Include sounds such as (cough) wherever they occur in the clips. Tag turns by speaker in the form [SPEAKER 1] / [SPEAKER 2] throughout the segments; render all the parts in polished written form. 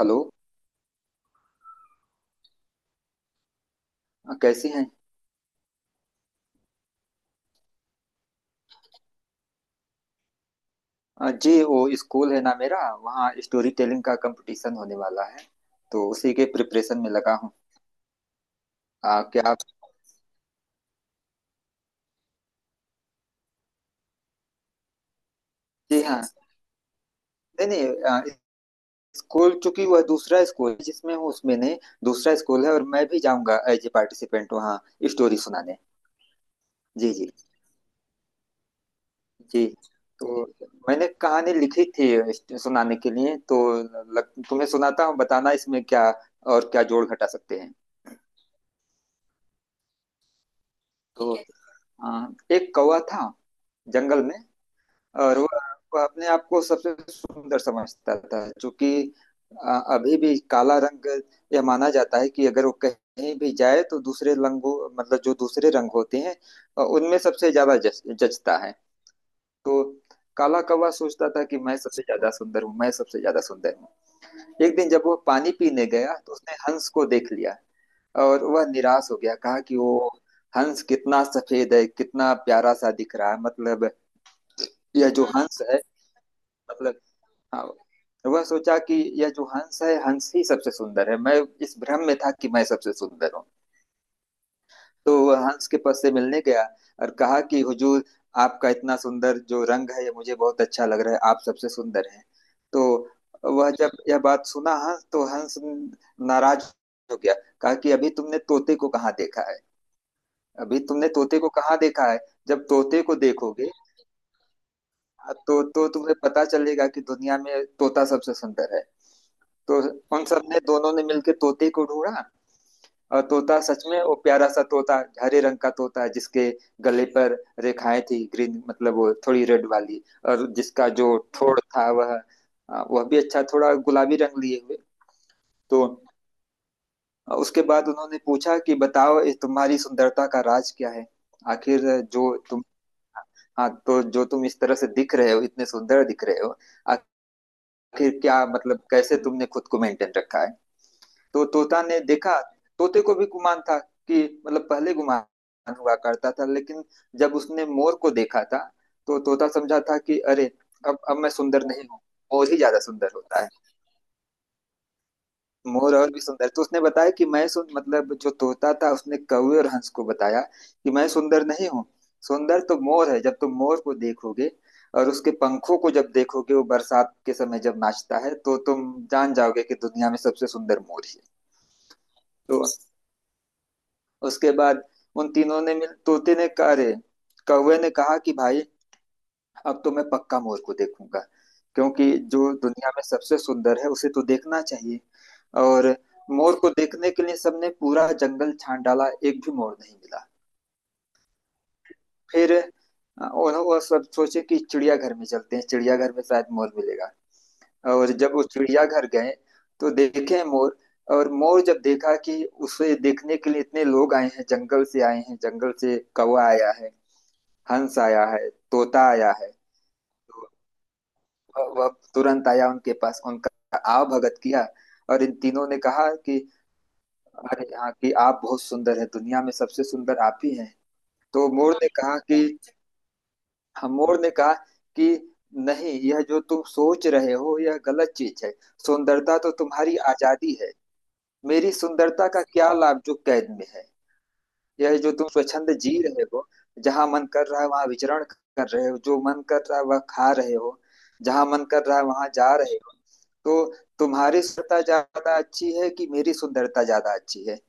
[SPEAKER 1] Hello. कैसी हैं। जी, वो स्कूल है ना मेरा, वहाँ स्टोरी टेलिंग का कंपटीशन होने वाला है, तो उसी के प्रिपरेशन में लगा हूँ। क्या आप। जी हाँ। नहीं नहीं, स्कूल, चूंकि वह दूसरा स्कूल है जिसमें हूँ उसमें नहीं, दूसरा स्कूल है। और मैं भी जाऊँगा एज ए पार्टिसिपेंट वहाँ, स्टोरी सुनाने। जी, जी, जी। तो मैंने कहानी लिखी थी सुनाने के लिए, तो तुम्हें सुनाता हूँ, बताना इसमें क्या और क्या जोड़ घटा सकते हैं। तो अ, एक कौवा था जंगल में। और वह अपने आप को सबसे सुंदर समझता था, चूंकि अभी भी काला रंग, यह माना जाता है कि अगर वो कहीं भी जाए तो दूसरे रंगों, मतलब जो दूसरे रंग होते हैं, उनमें सबसे ज्यादा जचता है। तो काला कौवा सोचता था कि मैं सबसे ज्यादा सुंदर हूँ, मैं सबसे ज्यादा सुंदर हूँ। एक दिन जब वो पानी पीने गया तो उसने हंस को देख लिया। और वह निराश हो गया, कहा कि वो हंस कितना सफेद है, कितना प्यारा सा दिख रहा है। मतलब यह जो हंस है, मतलब, हाँ, वह सोचा कि यह जो हंस है, हंस ही सबसे सुंदर है। मैं इस भ्रम में था कि मैं सबसे सुंदर हूँ। तो वह हंस के पास से मिलने गया और कहा कि हुजूर, आपका इतना सुंदर जो रंग है ये मुझे बहुत अच्छा लग रहा है, आप सबसे सुंदर हैं। तो वह जब यह बात सुना, हंस तो हंस नाराज हो गया, कहा कि अभी तुमने तोते को कहाँ देखा है, अभी तुमने तोते को कहाँ देखा है। जब तोते को देखोगे हाँ, तो तुम्हें पता चलेगा कि दुनिया में तोता सबसे सुंदर है। तो उन सब ने, दोनों ने मिलके तोते को ढूंढा। और तोता, सच में वो प्यारा सा तोता, हरे रंग का तोता, जिसके गले पर रेखाएं थी ग्रीन, मतलब वो थोड़ी रेड वाली, और जिसका जो ठोड़ था वह, वह भी अच्छा, थोड़ा गुलाबी रंग लिए हुए। तो उसके बाद उन्होंने पूछा कि बताओ, इस तुम्हारी सुंदरता का राज क्या है, आखिर जो तुम, हाँ, तो जो तुम इस तरह से दिख रहे हो, इतने सुंदर दिख रहे हो, आखिर क्या, मतलब कैसे तुमने खुद को मेंटेन रखा है। तो तोता ने देखा, तोते को भी गुमान था कि, मतलब पहले गुमान हुआ करता था, लेकिन जब उसने मोर को देखा था, तो तोता समझा था कि अरे, अब मैं सुंदर नहीं हूँ। मोर ही ज्यादा सुंदर होता है। मोर और भी सुंदर, तो उसने बताया कि मैं सुन मतलब, जो तोता था उसने कौवे और हंस को बताया कि मैं सुंदर नहीं हूँ, सुंदर तो मोर है। जब तुम मोर को देखोगे और उसके पंखों को जब देखोगे, वो बरसात के समय जब नाचता है, तो तुम जान जाओगे कि दुनिया में सबसे सुंदर मोर ही है। तो उसके बाद उन तीनों ने मिल तोते ने कहा, अरे, कौवे ने कहा कि भाई, अब तो मैं पक्का मोर को देखूंगा। क्योंकि जो दुनिया में सबसे सुंदर है उसे तो देखना चाहिए। और मोर को देखने के लिए सबने पूरा जंगल छान डाला, एक भी मोर नहीं मिला। फिर उन्होंने वो सब सोचे कि चिड़ियाघर में चलते हैं, चिड़ियाघर में शायद मोर मिलेगा। और जब वो चिड़ियाघर गए तो देखे मोर। और मोर जब देखा कि उसे देखने के लिए इतने लोग आए हैं, जंगल से आए हैं, जंगल से कौवा आया है, हंस आया है, तोता आया है, तो वह तुरंत आया उनके पास, उनका आवभगत किया। और इन तीनों ने कहा कि अरे हाँ, कि आप बहुत सुंदर हैं, दुनिया में सबसे सुंदर आप ही हैं। तो मोर ने कहा कि, हाँ, मोर ने कहा कि नहीं, यह जो तुम सोच रहे हो यह गलत चीज है। सुंदरता तो तुम्हारी आजादी है। मेरी सुंदरता का क्या लाभ, जो कैद में है। यह जो तुम स्वच्छंद जी रहे हो, जहां मन कर रहा है वहां विचरण कर रहे हो, जो मन कर रहा है वह खा रहे हो, जहां मन कर रहा है वहां जा रहे हो। तो तुम्हारी सुंदरता ज्यादा अच्छी है कि मेरी सुंदरता ज्यादा अच्छी है।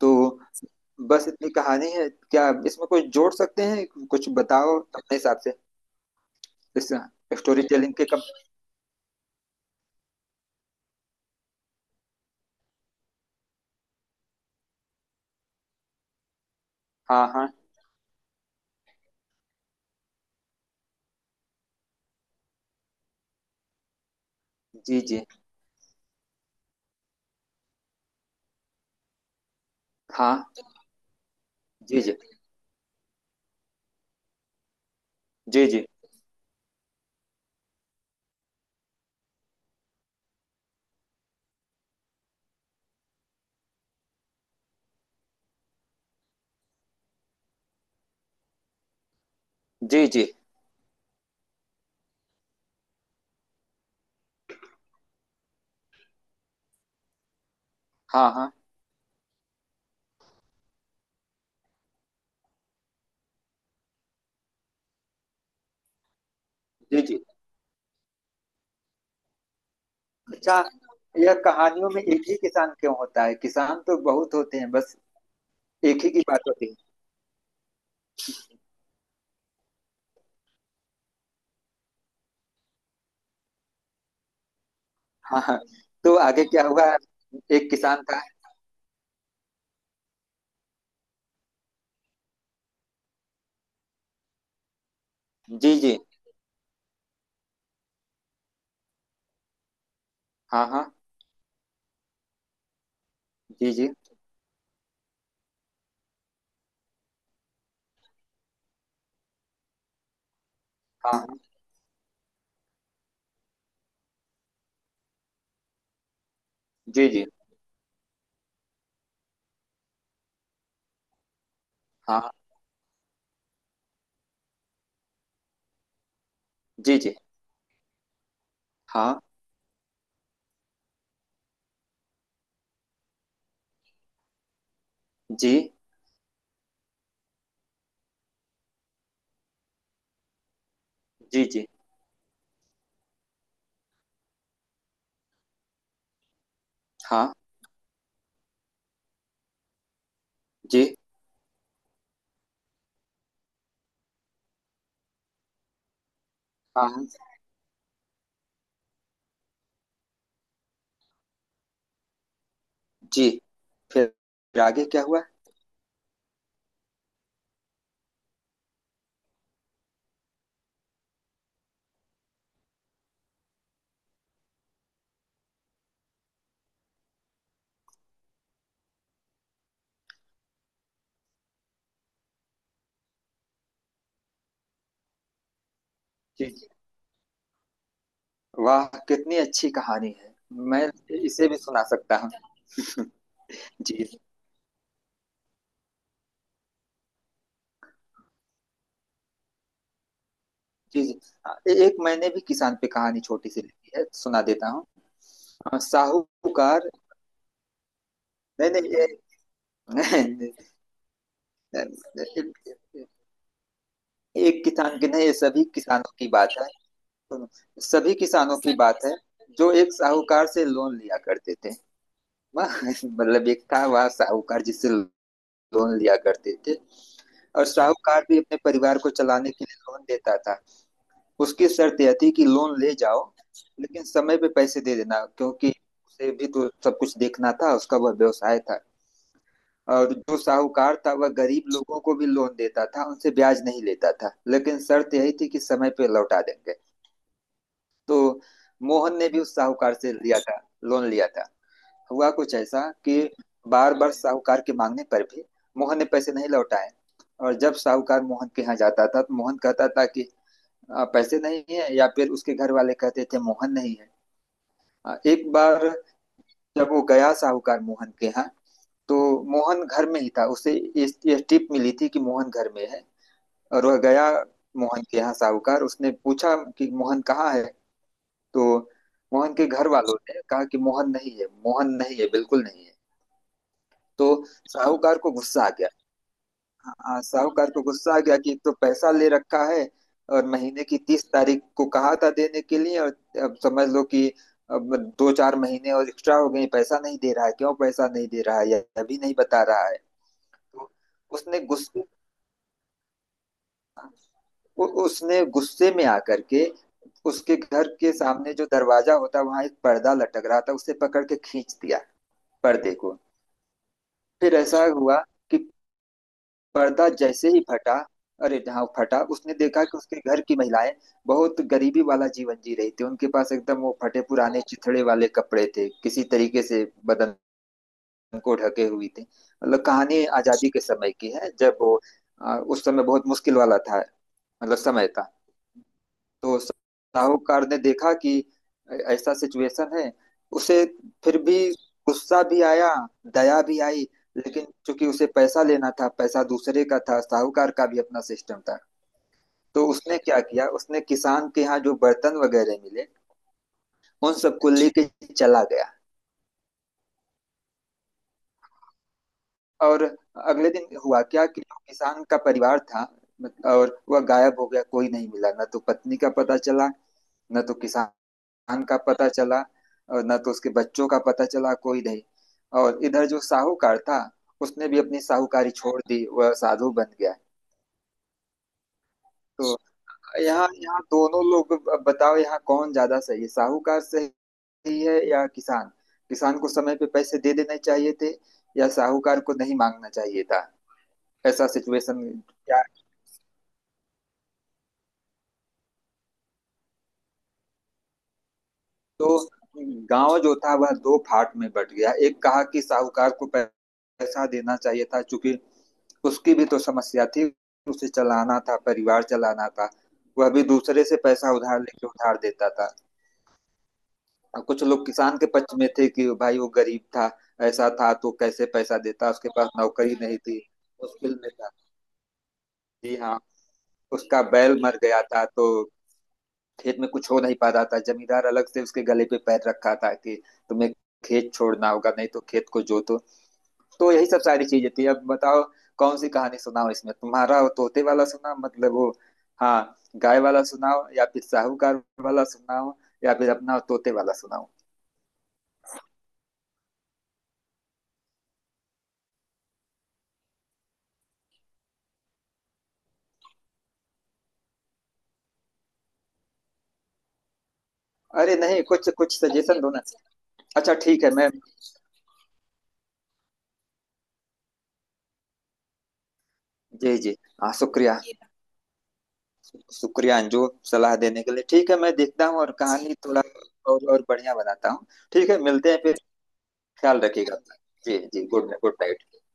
[SPEAKER 1] तो बस इतनी कहानी है। क्या इसमें कुछ जोड़ सकते हैं, कुछ बताओ अपने हिसाब से। इस स्टोरी टेलिंग के कम। हाँ, हाँ। जी, जी। हाँ। जी, जी। जी, जी। जी, जी। हाँ, हाँ। जी, जी। अच्छा। यह कहानियों में एक ही किसान क्यों होता है? किसान तो बहुत होते हैं, बस एक ही की बात होती है। हाँ, हाँ। तो आगे क्या हुआ? एक किसान था। जी, जी। हाँ, हाँ। जी, जी। हाँ, हाँ। जी, जी। हाँ, हाँ, जी, जी। हाँ, जी, जी, जी। हाँ, जी। हाँ, हाँ, जी। फिर आगे क्या हुआ? जी, जी। वाह, कितनी अच्छी कहानी है! मैं इसे भी सुना सकता हूँ। (laughs) जी, जी, जी। हाँ, एक मैंने भी किसान पे कहानी छोटी सी लिखी है, सुना देता हूँ। साहूकार। नहीं नहीं, ये (laughs) नहीं, नहीं, एक किसान की नहीं, ये सभी किसानों की बात है। सुनो, सभी किसानों की बात है, जो एक साहूकार से लोन लिया करते थे। मतलब एक था वह साहूकार, जिससे लोन लिया करते थे। और साहूकार भी अपने परिवार को चलाने के लिए लोन देता था। उसकी शर्त यह थी कि लोन ले जाओ, लेकिन समय पे पैसे दे देना, क्योंकि उसे भी तो सब कुछ देखना था, उसका वह व्यवसाय था। और जो साहूकार था वह गरीब लोगों को भी लोन देता था, उनसे ब्याज नहीं लेता था, लेकिन शर्त यही थी कि समय पे लौटा देंगे। तो मोहन ने भी उस साहूकार से लिया था, लोन लिया था। हुआ कुछ ऐसा कि बार बार साहूकार के मांगने पर भी मोहन ने पैसे नहीं लौटाए। और जब साहूकार मोहन के यहाँ जाता था तो मोहन कहता था कि पैसे नहीं है, या फिर उसके घर वाले कहते थे मोहन नहीं है। एक बार जब वो गया साहूकार मोहन के यहाँ, तो मोहन घर में ही था। उसे यह टिप मिली थी कि मोहन घर में है। और वह गया मोहन के यहाँ साहूकार, उसने पूछा कि मोहन कहाँ है। तो मोहन के घर वालों ने कहा कि मोहन नहीं है, मोहन नहीं है, बिल्कुल नहीं है। तो साहूकार को गुस्सा आ गया। हाँ, साहूकार को गुस्सा आ गया कि एक तो पैसा ले रखा है, और महीने की 30 तारीख को कहा था देने के लिए, और अब समझ लो कि अब दो चार महीने और एक्स्ट्रा हो गए, पैसा नहीं दे रहा है, क्यों पैसा नहीं दे रहा है या अभी नहीं बता रहा है। तो उसने गुस्से उसने गुस्से में आकर के उसके घर के सामने जो दरवाजा होता है वहां एक पर्दा लटक रहा था, उसे पकड़ के खींच दिया, पर्दे को। फिर ऐसा हुआ कि पर्दा जैसे ही फटा, अरे, जहाँ फटा उसने देखा कि उसके घर की महिलाएं बहुत गरीबी वाला जीवन जी रही थी, उनके पास एकदम वो फटे पुराने चिथड़े वाले कपड़े थे, किसी तरीके से बदन को ढके हुई थी। मतलब कहानी आजादी के समय की है, जब वो उस समय बहुत मुश्किल वाला था, मतलब समय था। तो साहूकार ने देखा कि ऐसा सिचुएशन है, उसे फिर भी गुस्सा भी आया, दया भी आई, लेकिन चूंकि उसे पैसा लेना था, पैसा दूसरे का था, साहूकार का भी अपना सिस्टम था। तो उसने क्या किया, उसने किसान के यहाँ जो बर्तन वगैरह मिले उन सबको जी लेके चला गया। और अगले दिन हुआ क्या कि जो किसान का परिवार था, और वह गायब हो गया, कोई नहीं मिला, न तो पत्नी का पता चला, न तो किसान खान का पता चला, और न तो उसके बच्चों का पता चला, कोई नहीं। और इधर जो साहूकार था, उसने भी अपनी साहूकारी छोड़ दी, वह साधु बन गया। तो यहाँ यहाँ दोनों लोग, अब बताओ, यहाँ कौन ज्यादा सही है, साहूकार सही है या किसान। किसान को समय पे पैसे दे देने चाहिए थे, या साहूकार को नहीं मांगना चाहिए था? ऐसा सिचुएशन, क्या? तो गांव जो था वह दो फाट में बट गया, एक कहा कि साहूकार को पैसा देना चाहिए था, चूंकि उसकी भी तो समस्या थी, उसे चलाना था, परिवार चलाना था। वह भी दूसरे से पैसा उधार लेके उधार देता था। और कुछ लोग किसान के पक्ष में थे कि भाई वो गरीब था, ऐसा था तो कैसे पैसा देता, उसके पास नौकरी नहीं थी, मुश्किल में था। जी हाँ। उसका बैल मर गया था तो खेत में कुछ हो नहीं पा रहा था, जमींदार अलग से उसके गले पे पैर रखा था कि तुम्हें खेत छोड़ना होगा, नहीं तो खेत को जोतो। तो यही सब सारी चीजें थी। अब बताओ, कौन सी कहानी सुनाओ, इसमें तुम्हारा? वो तोते वाला सुनाओ, मतलब वो, हाँ, गाय वाला सुनाओ, या फिर साहूकार वाला सुनाओ, या फिर अपना तोते वाला सुनाओ। अरे नहीं, कुछ कुछ सजेशन दो ना। अच्छा ठीक है, मैं। जी, जी। हाँ, शुक्रिया, शुक्रिया अंजू, सलाह देने के लिए। ठीक है, मैं देखता हूँ और कहानी थोड़ा और बढ़िया बनाता हूँ। ठीक है, मिलते हैं फिर। ख्याल रखिएगा अपना। जी, जी, गुड नाइट, गुड नाइट।